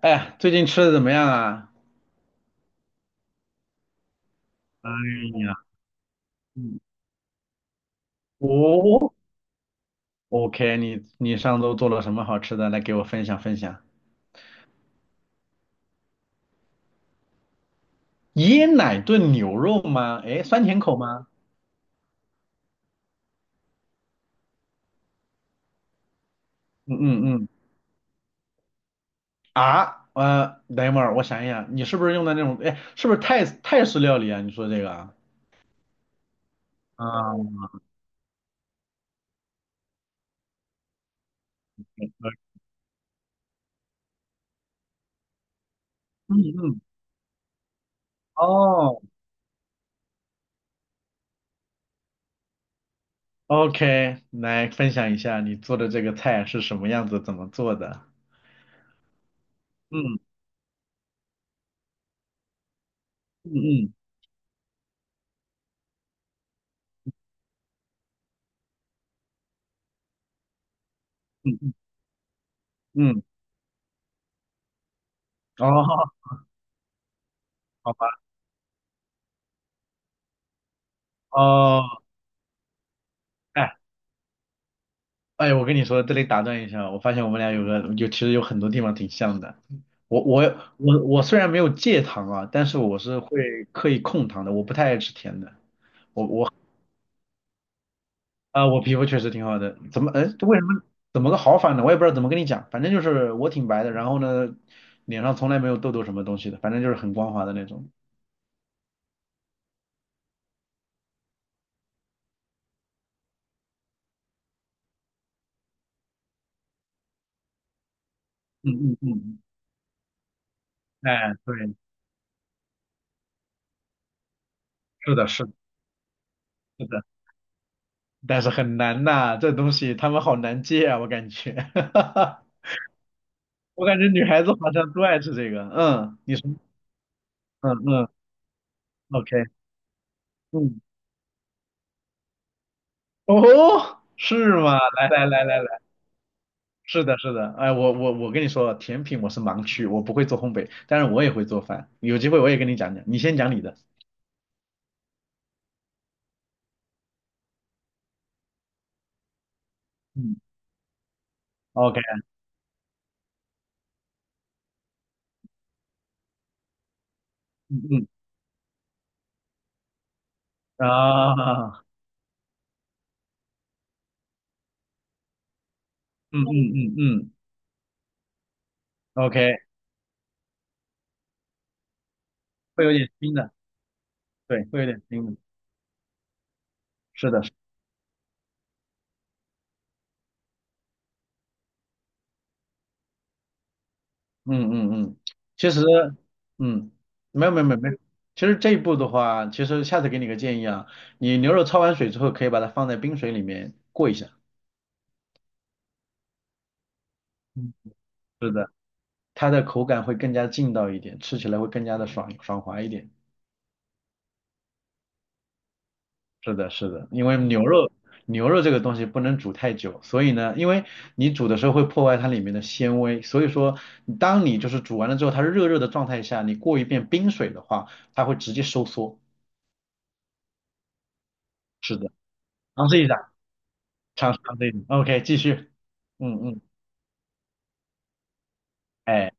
哎呀最近吃的怎么样啊？哎呀，嗯哦，OK，你上周做了什么好吃的？来给我分享分享。椰奶炖牛肉吗？哎，酸甜口吗？嗯嗯嗯。啊，等一会儿，我想一想，你是不是用的那种？哎，是不是泰式料理啊？你说这个啊？啊，嗯嗯。哦，OK，来分享一下你做的这个菜是什么样子，怎么做的？嗯嗯嗯嗯嗯嗯。哦，好吧。哦。哎哎，我跟你说，这里打断一下，我发现我们俩有个就其实有很多地方挺像的。我虽然没有戒糖啊，但是我是会刻意控糖的，我不太爱吃甜的。啊、我皮肤确实挺好的，怎么哎为什么怎么个好法呢？我也不知道怎么跟你讲，反正就是我挺白的，然后呢脸上从来没有痘痘什么东西的，反正就是很光滑的那种。嗯嗯嗯，哎，对，是的，是的，是的，但是很难呐，这东西他们好难戒啊，我感觉。我感觉女孩子好像都爱吃这个。嗯，你说，嗯嗯，OK，嗯，哦，是吗？来来来来来，是的，是的。哎，我跟你说，甜品我是盲区，我不会做烘焙，但是我也会做饭。有机会我也跟你讲讲，你先讲你的。嗯，OK，嗯嗯啊，嗯嗯嗯嗯，OK，会有点腥的，对，会有点腥的。是的，是的嗯嗯嗯，其实，嗯，没有没有没有没有，其实这一步的话，其实下次给你个建议啊，你牛肉焯完水之后，可以把它放在冰水里面过一下，嗯，是的，它的口感会更加劲道一点，吃起来会更加的爽爽滑一点。是的，是的，因为牛肉这个东西不能煮太久，所以呢，因为你煮的时候会破坏它里面的纤维，所以说当你就是煮完了之后，它热热的状态下，你过一遍冰水的话，它会直接收缩。是的。尝试一下。长沙那里。OK，继续。嗯嗯，哎，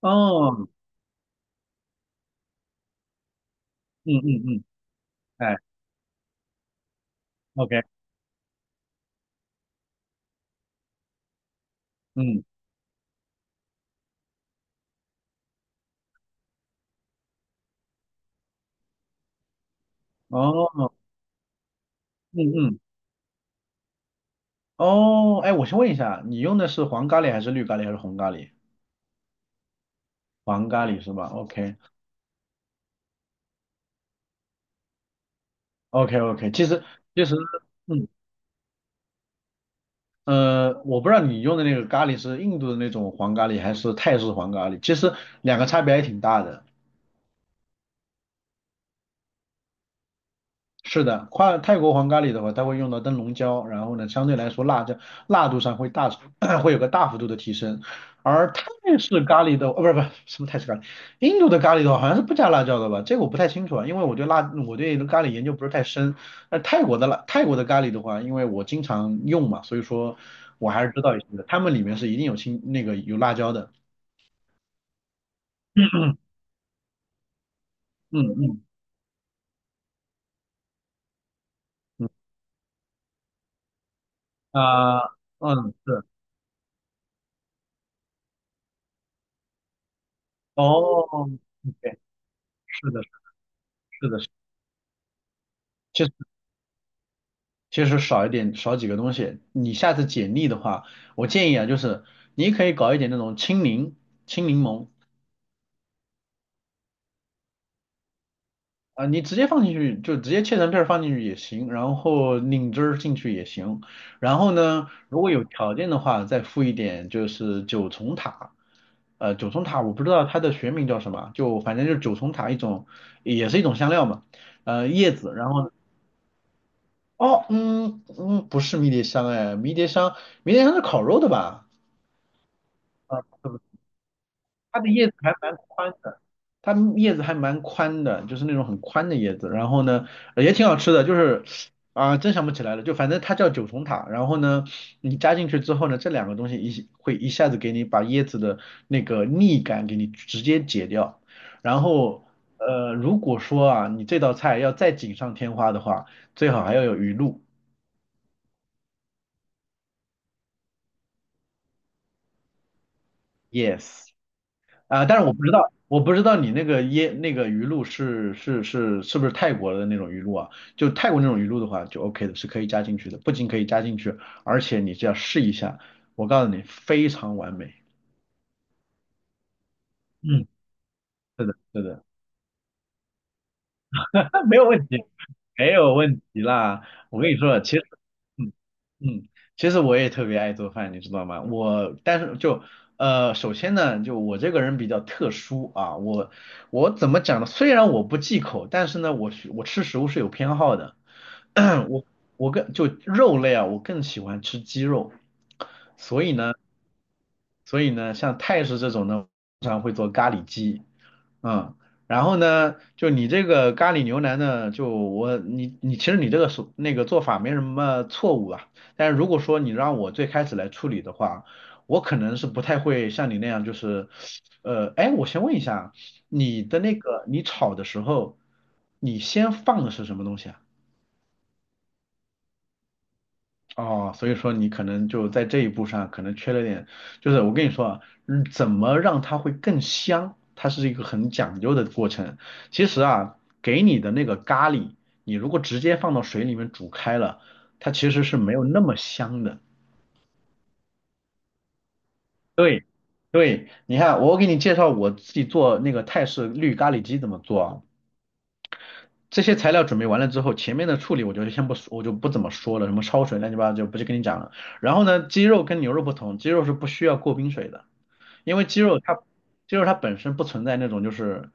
哦，嗯嗯嗯，哎，OK，嗯，哦，嗯嗯，哦，哎，我先问一下，你用的是黄咖喱还是绿咖喱还是红咖喱？黄咖喱是吧？OK OK OK，其实，嗯我不知道你用的那个咖喱是印度的那种黄咖喱还是泰式黄咖喱，其实两个差别还挺大的。是的，跨泰国黄咖喱的话，它会用到灯笼椒，然后呢，相对来说辣椒辣度上会大 会有个大幅度的提升。而泰式咖喱的，不是什么泰式咖喱，印度的咖喱的话好像是不加辣椒的吧？这个我不太清楚啊，因为我对辣我对咖喱研究不是太深。那泰国的咖喱的话，因为我经常用嘛，所以说我还是知道一些的。他们里面是一定有青那个有辣椒的。嗯嗯嗯啊嗯是哦，对，是的是的。是的。其实少一点，少几个东西。你下次简历的话，我建议啊，就是你可以搞一点那种青柠、青柠檬啊，你直接放进去，就直接切成片儿放进去也行，然后拧汁儿进去也行。然后呢，如果有条件的话，再附一点就是九重塔。九重塔我不知道它的学名叫什么，就反正就是九重塔一种，也是一种香料嘛。叶子，然后哦，嗯嗯，不是迷迭香哎，迷迭香是烤肉的吧？啊，它的叶子还蛮宽的，它叶子还蛮宽的，就是那种很宽的叶子。然后呢，也挺好吃的，就是啊、真想不起来了，就反正它叫九重塔。然后呢，你加进去之后呢，这两个东西一会一下子给你把椰子的那个腻感给你直接解掉。然后如果说啊，你这道菜要再锦上添花的话，最好还要有鱼露。Yes。啊，但是我不知道你那个鱼露不是泰国的那种鱼露啊？就泰国那种鱼露的话，就 OK 的，是可以加进去的。不仅可以加进去，而且你只要试一下，我告诉你，非常完美。嗯，是的，是的。没有问题，没有问题啦。我跟你说，其实，嗯嗯，其实我也特别爱做饭，你知道吗？我但是就首先呢，就我这个人比较特殊啊，我怎么讲呢？虽然我不忌口，但是呢，我吃食物是有偏好的。我我更就肉类啊，我更喜欢吃鸡肉，所以呢。所以呢，像泰式这种呢，通常会做咖喱鸡，嗯，然后呢，就你这个咖喱牛腩呢，就我你你其实你这个手那个做法没什么错误啊，但是如果说你让我最开始来处理的话，我可能是不太会像你那样，就是，哎，我先问一下啊，你的那个你炒的时候，你先放的是什么东西啊？哦，所以说你可能就在这一步上可能缺了点，就是我跟你说啊，嗯怎么让它会更香，它是一个很讲究的过程。其实啊，给你的那个咖喱，你如果直接放到水里面煮开了，它其实是没有那么香的。对，对，你看，我给你介绍我自己做那个泰式绿咖喱鸡怎么做啊。这些材料准备完了之后，前面的处理我就先不说，我就不怎么说了，什么焯水乱七八糟就不去跟你讲了。然后呢，鸡肉跟牛肉不同，鸡肉是不需要过冰水的，因为鸡肉它本身不存在那种就是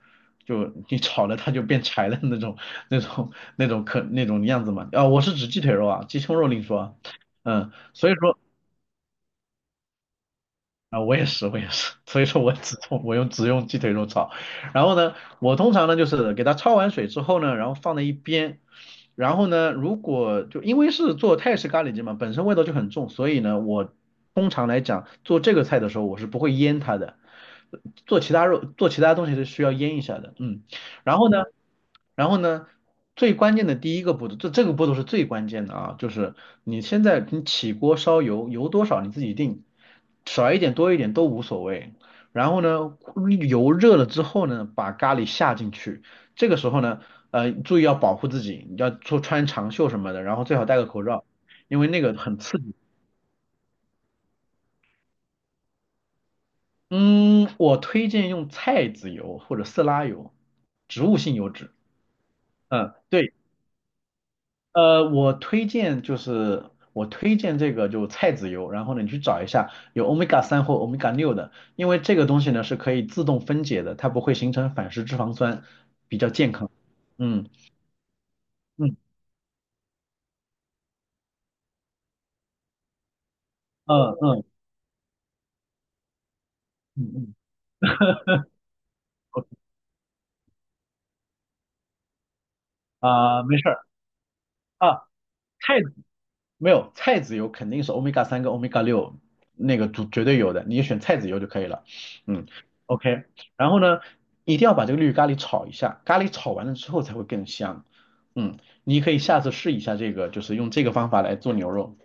就你炒了它就变柴的那种那种样子嘛。啊、我是指鸡腿肉啊，鸡胸肉另说啊嗯，所以说。啊，我也是，我也是，所以说我只用鸡腿肉炒，然后呢，我通常呢就是给它焯完水之后呢，然后放在一边，然后呢，如果就因为是做泰式咖喱鸡嘛，本身味道就很重，所以呢，我通常来讲做这个菜的时候，我是不会腌它的，做其他肉做其他东西是需要腌一下的，嗯。然后呢，然后呢，最关键的第一个步骤，这个步骤是最关键的啊，就是你现在你起锅烧油，油多少你自己定，少一点多一点都无所谓。然后呢，油热了之后呢，把咖喱下进去。这个时候呢，注意要保护自己，你要说穿长袖什么的，然后最好戴个口罩，因为那个很刺激。嗯，我推荐用菜籽油或者色拉油，植物性油脂。嗯，对。我推荐就是我推荐这个就菜籽油，然后呢你去找一下有欧米伽三或欧米伽六的，因为这个东西呢是可以自动分解的，它不会形成反式脂肪酸，比较健康。嗯嗯嗯嗯嗯嗯没事儿啊，菜籽没有菜籽油肯定是欧米伽三跟欧米伽六那个绝绝对有的，你就选菜籽油就可以了。嗯，OK，然后呢，一定要把这个绿咖喱炒一下，咖喱炒完了之后才会更香。嗯，你可以下次试一下这个，就是用这个方法来做牛肉。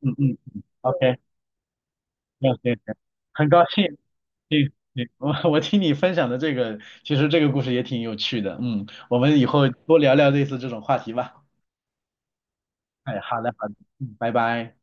嗯嗯嗯，OK，没有没有，没有很高兴。对对，我听你分享的这个，其实这个故事也挺有趣的。嗯，我们以后多聊聊类似这种话题吧。哎，好的好的，嗯，拜拜。